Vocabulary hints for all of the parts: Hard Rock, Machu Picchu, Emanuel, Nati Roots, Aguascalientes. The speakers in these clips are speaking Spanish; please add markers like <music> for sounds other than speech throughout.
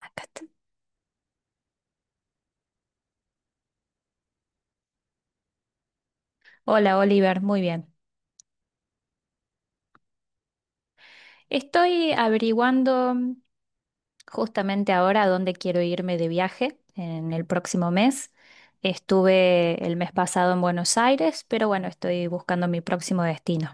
Acá está. Hola Oliver, muy bien. Estoy averiguando justamente ahora a dónde quiero irme de viaje en el próximo mes. Estuve el mes pasado en Buenos Aires, pero bueno, estoy buscando mi próximo destino.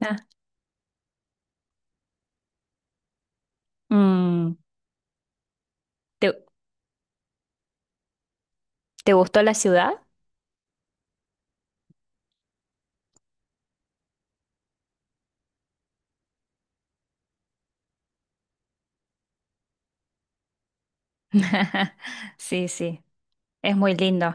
Ah, mm, ¿te, te gustó la ciudad? <laughs> Sí, sí, es muy lindo.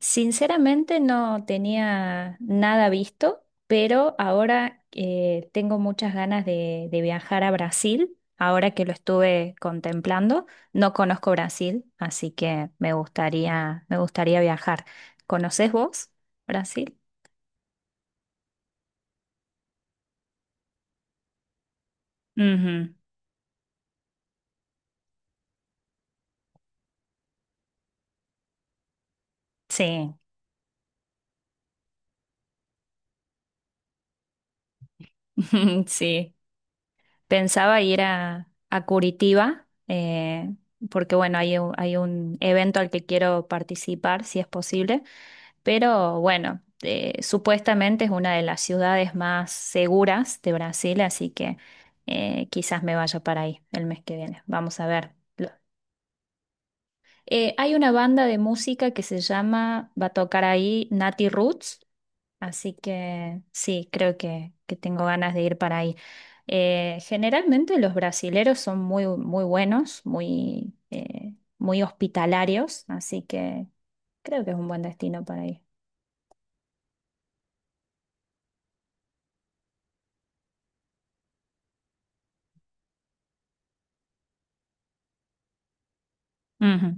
Sinceramente no tenía nada visto, pero ahora tengo muchas ganas de viajar a Brasil, ahora que lo estuve contemplando. No conozco Brasil, así que me gustaría viajar. ¿Conoces vos Brasil? Ujú. Sí, <laughs> sí. Pensaba ir a Curitiba, porque bueno, hay un evento al que quiero participar, si es posible. Pero bueno, supuestamente es una de las ciudades más seguras de Brasil, así que quizás me vaya para ahí el mes que viene. Vamos a ver. Hay una banda de música que se llama, va a tocar ahí Nati Roots, así que sí, creo que tengo ganas de ir para ahí. Generalmente los brasileros son muy, muy buenos, muy, muy hospitalarios, así que creo que es un buen destino para ir. Ujú,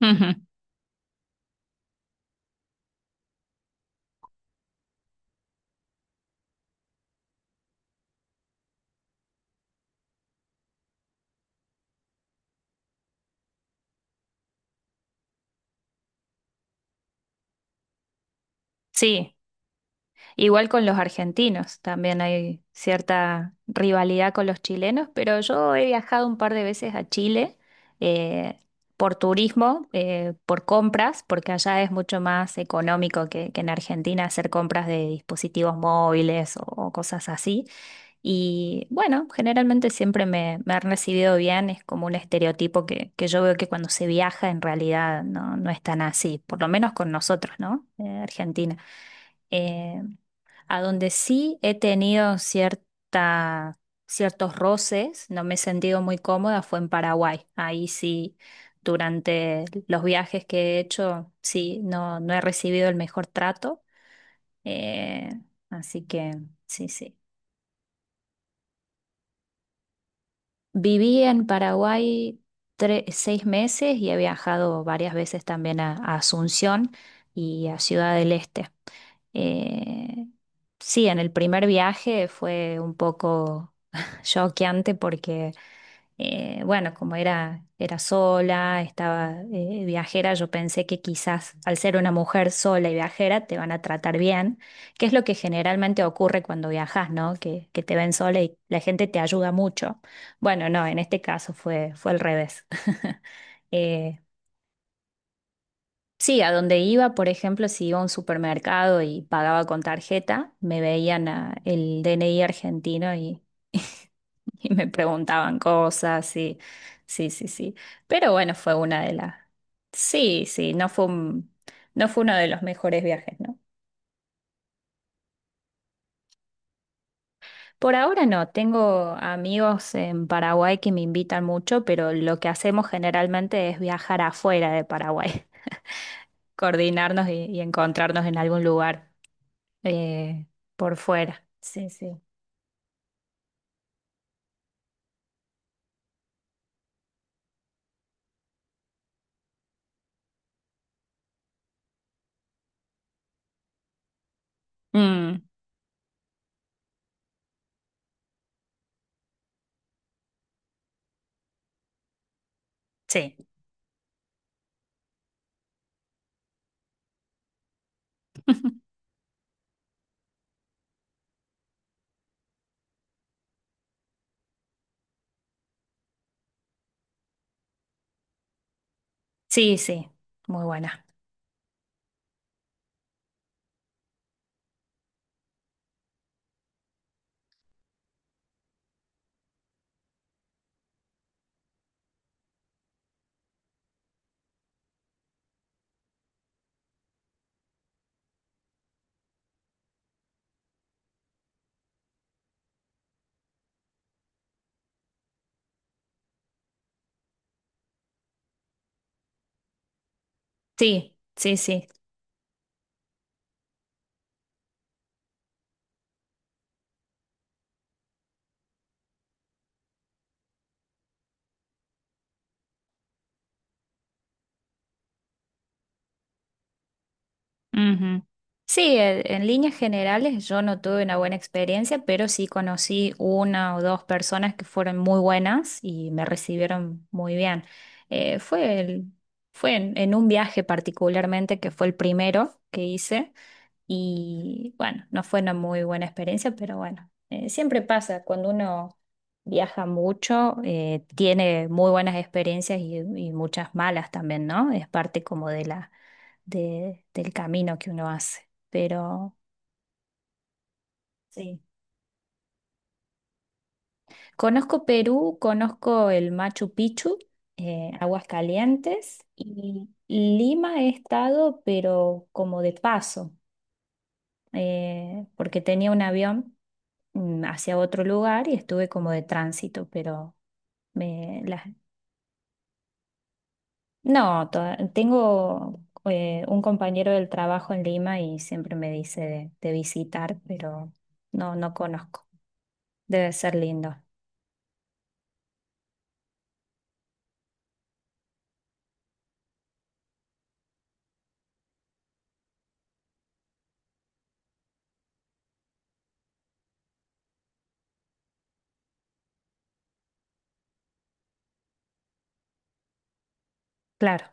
ujú. Sí, igual con los argentinos, también hay cierta rivalidad con los chilenos, pero yo he viajado un par de veces a Chile, eh, por turismo, por compras, porque allá es mucho más económico que en Argentina hacer compras de dispositivos móviles o cosas así. Y bueno, generalmente siempre me han recibido bien, es como un estereotipo que yo veo que cuando se viaja en realidad no, no es tan así, por lo menos con nosotros, ¿no? Argentina. Eh, a donde sí he tenido ciertos roces, no me he sentido muy cómoda, fue en Paraguay. Ahí sí, durante los viajes que he hecho, sí, no, no he recibido el mejor trato. Eh, así que sí, sí. Viví en Paraguay seis meses y he viajado varias veces también a Asunción y a Ciudad del Este. Eh, sí, en el primer viaje fue un poco <laughs> choqueante porque bueno, como era, era sola, estaba viajera, yo pensé que quizás al ser una mujer sola y viajera te van a tratar bien, que es lo que generalmente ocurre cuando viajas, ¿no? Que te ven sola y la gente te ayuda mucho. Bueno, no, en este caso fue, fue al revés. <laughs> Eh, sí, a donde iba, por ejemplo, si iba a un supermercado y pagaba con tarjeta, el DNI argentino <laughs> y me preguntaban cosas, y sí, sí, sí. Pero bueno, fue una de las... Sí, sí, no fue uno de los mejores viajes, ¿no? Por ahora no, tengo amigos en Paraguay que me invitan mucho, pero lo que hacemos generalmente es viajar afuera de Paraguay, <laughs> coordinarnos y encontrarnos en algún lugar eh, por fuera. Sí, sí. Mm, sí, sí, sí, muy buena. Sí, sí, sí. Ujú. Sí, en líneas generales yo no tuve una buena experiencia, pero sí conocí una o dos personas que fueron muy buenas y me recibieron muy bien. Eh, fue el- fue en un viaje particularmente que fue el primero que hice y bueno, no fue una muy buena experiencia, pero bueno, siempre pasa cuando uno viaja mucho, tiene muy buenas experiencias y muchas malas también, ¿no? Es parte como de del camino que uno hace. Pero sí, conozco Perú, conozco el Machu Picchu, Aguascalientes y Lima he estado, pero como de paso, porque tenía un avión hacia otro lugar y estuve como de tránsito, pero... Me, las, No, tengo un compañero del trabajo en Lima y siempre me dice de visitar, pero no, no conozco. Debe ser lindo, claro.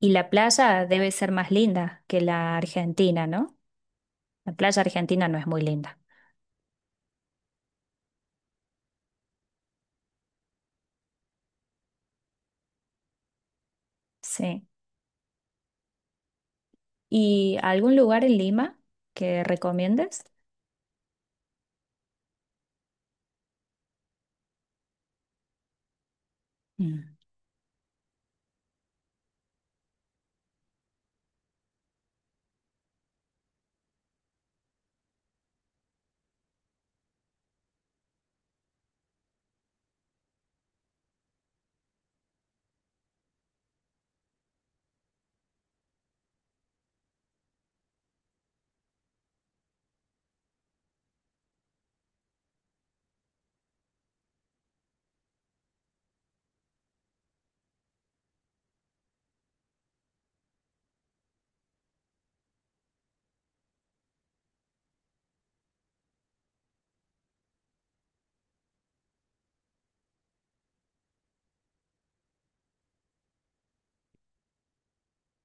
Y la playa debe ser más linda que la Argentina, ¿no? La playa argentina no es muy linda. Sí. ¿Y algún lugar en Lima que recomiendes? Mm.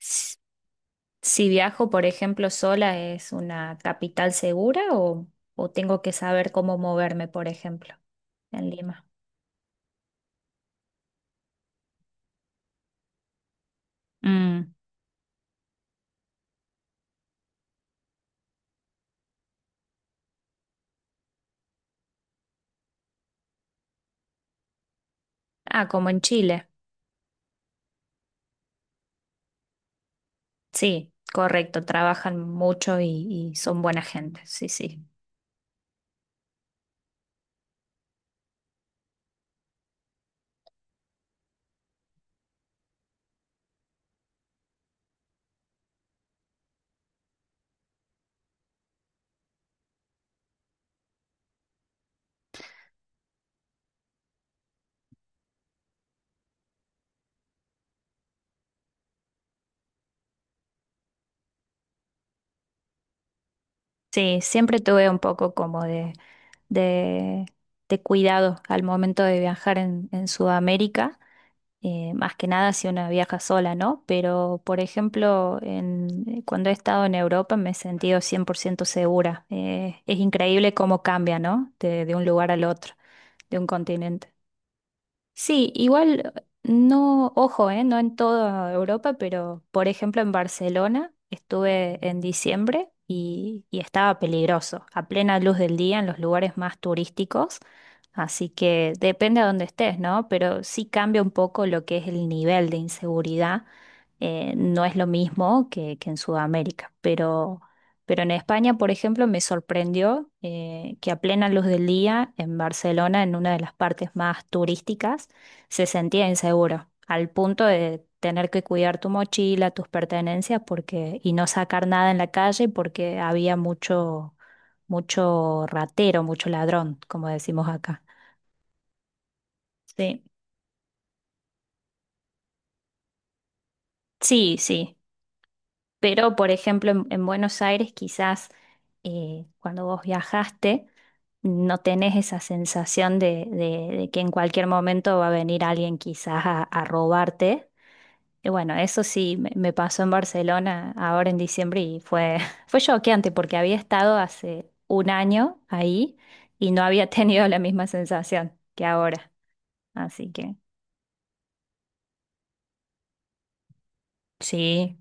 S- Si viajo, por ejemplo, sola, ¿es una capital segura o tengo que saber cómo moverme, por ejemplo, en Lima? Mm. Ah, como en Chile. Sí, correcto. Trabajan mucho y son buena gente. Sí, sí. Sí, siempre tuve un poco como de, de cuidado al momento de viajar en Sudamérica. Eh, más que nada si una viaja sola, ¿no? Pero, por ejemplo, cuando he estado en Europa me he sentido 100% segura. Es increíble cómo cambia, ¿no? De un lugar al otro, de un continente. Sí, igual no, ojo, no en toda Europa, pero por ejemplo en Barcelona estuve en diciembre y estaba peligroso, a plena luz del día en los lugares más turísticos, así que depende a dónde estés, ¿no? Pero sí cambia un poco lo que es el nivel de inseguridad, no es lo mismo que en Sudamérica, pero en España, por ejemplo, me sorprendió que a plena luz del día, en Barcelona, en una de las partes más turísticas, se sentía inseguro, al punto de tener que cuidar tu mochila, tus pertenencias, porque, y no sacar nada en la calle porque había mucho, mucho ratero, mucho ladrón, como decimos acá. Sí, sí, sí. Pero, por ejemplo, en Buenos Aires quizás cuando vos viajaste no tenés esa sensación de, de que en cualquier momento va a venir alguien quizás a robarte. Y bueno, eso sí me pasó en Barcelona ahora en diciembre y fue, <laughs> fue choqueante porque había estado hace un año ahí y no había <laughs> tenido la misma sensación que ahora. Así que sí.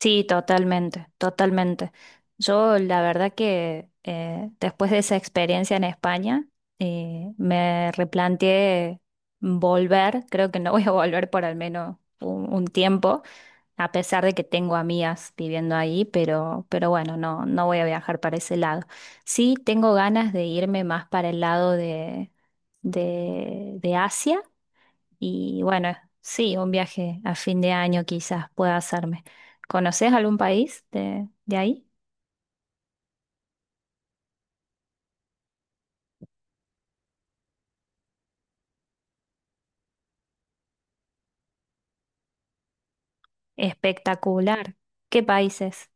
Sí, totalmente, totalmente. Yo la verdad que después de esa experiencia en España, me replanteé volver, creo que no voy a volver por al menos un tiempo, a pesar de que tengo amigas viviendo ahí, pero bueno, no, no voy a viajar para ese lado. Sí, tengo ganas de irme más para el lado de, de Asia y bueno, sí, un viaje a fin de año quizás pueda hacerme. ¿Conoces algún país de ahí? Espectacular. ¿Qué países?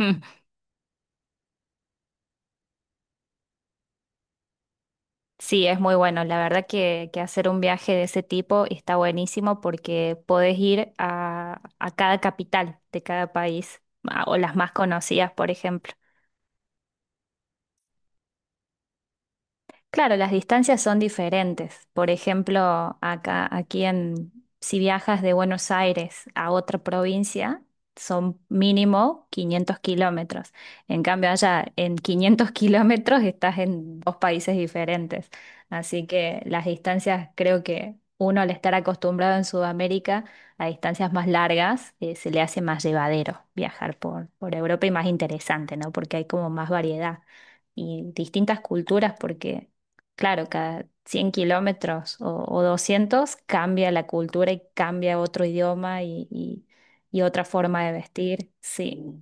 Mm, sí, es muy bueno. La verdad que hacer un viaje de ese tipo está buenísimo porque podés ir a cada capital de cada país, o las más conocidas, por ejemplo. Claro, las distancias son diferentes. Por ejemplo, acá, aquí en, si viajas de Buenos Aires a otra provincia, son mínimo 500 kilómetros. En cambio, allá en 500 <laughs> kilómetros estás en dos países diferentes. Así que las distancias, creo que uno al estar acostumbrado en Sudamérica a distancias más largas, se le hace más llevadero viajar por Europa y más interesante, ¿no? Porque hay como más variedad y distintas culturas porque claro, cada 100 kilómetros o 200 cambia la cultura y cambia otro idioma y otra forma de vestir. Sí,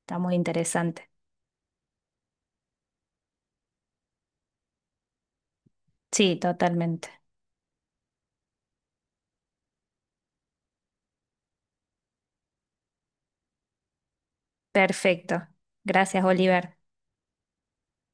está muy interesante. Sí, totalmente. Perfecto. Gracias, Oliver.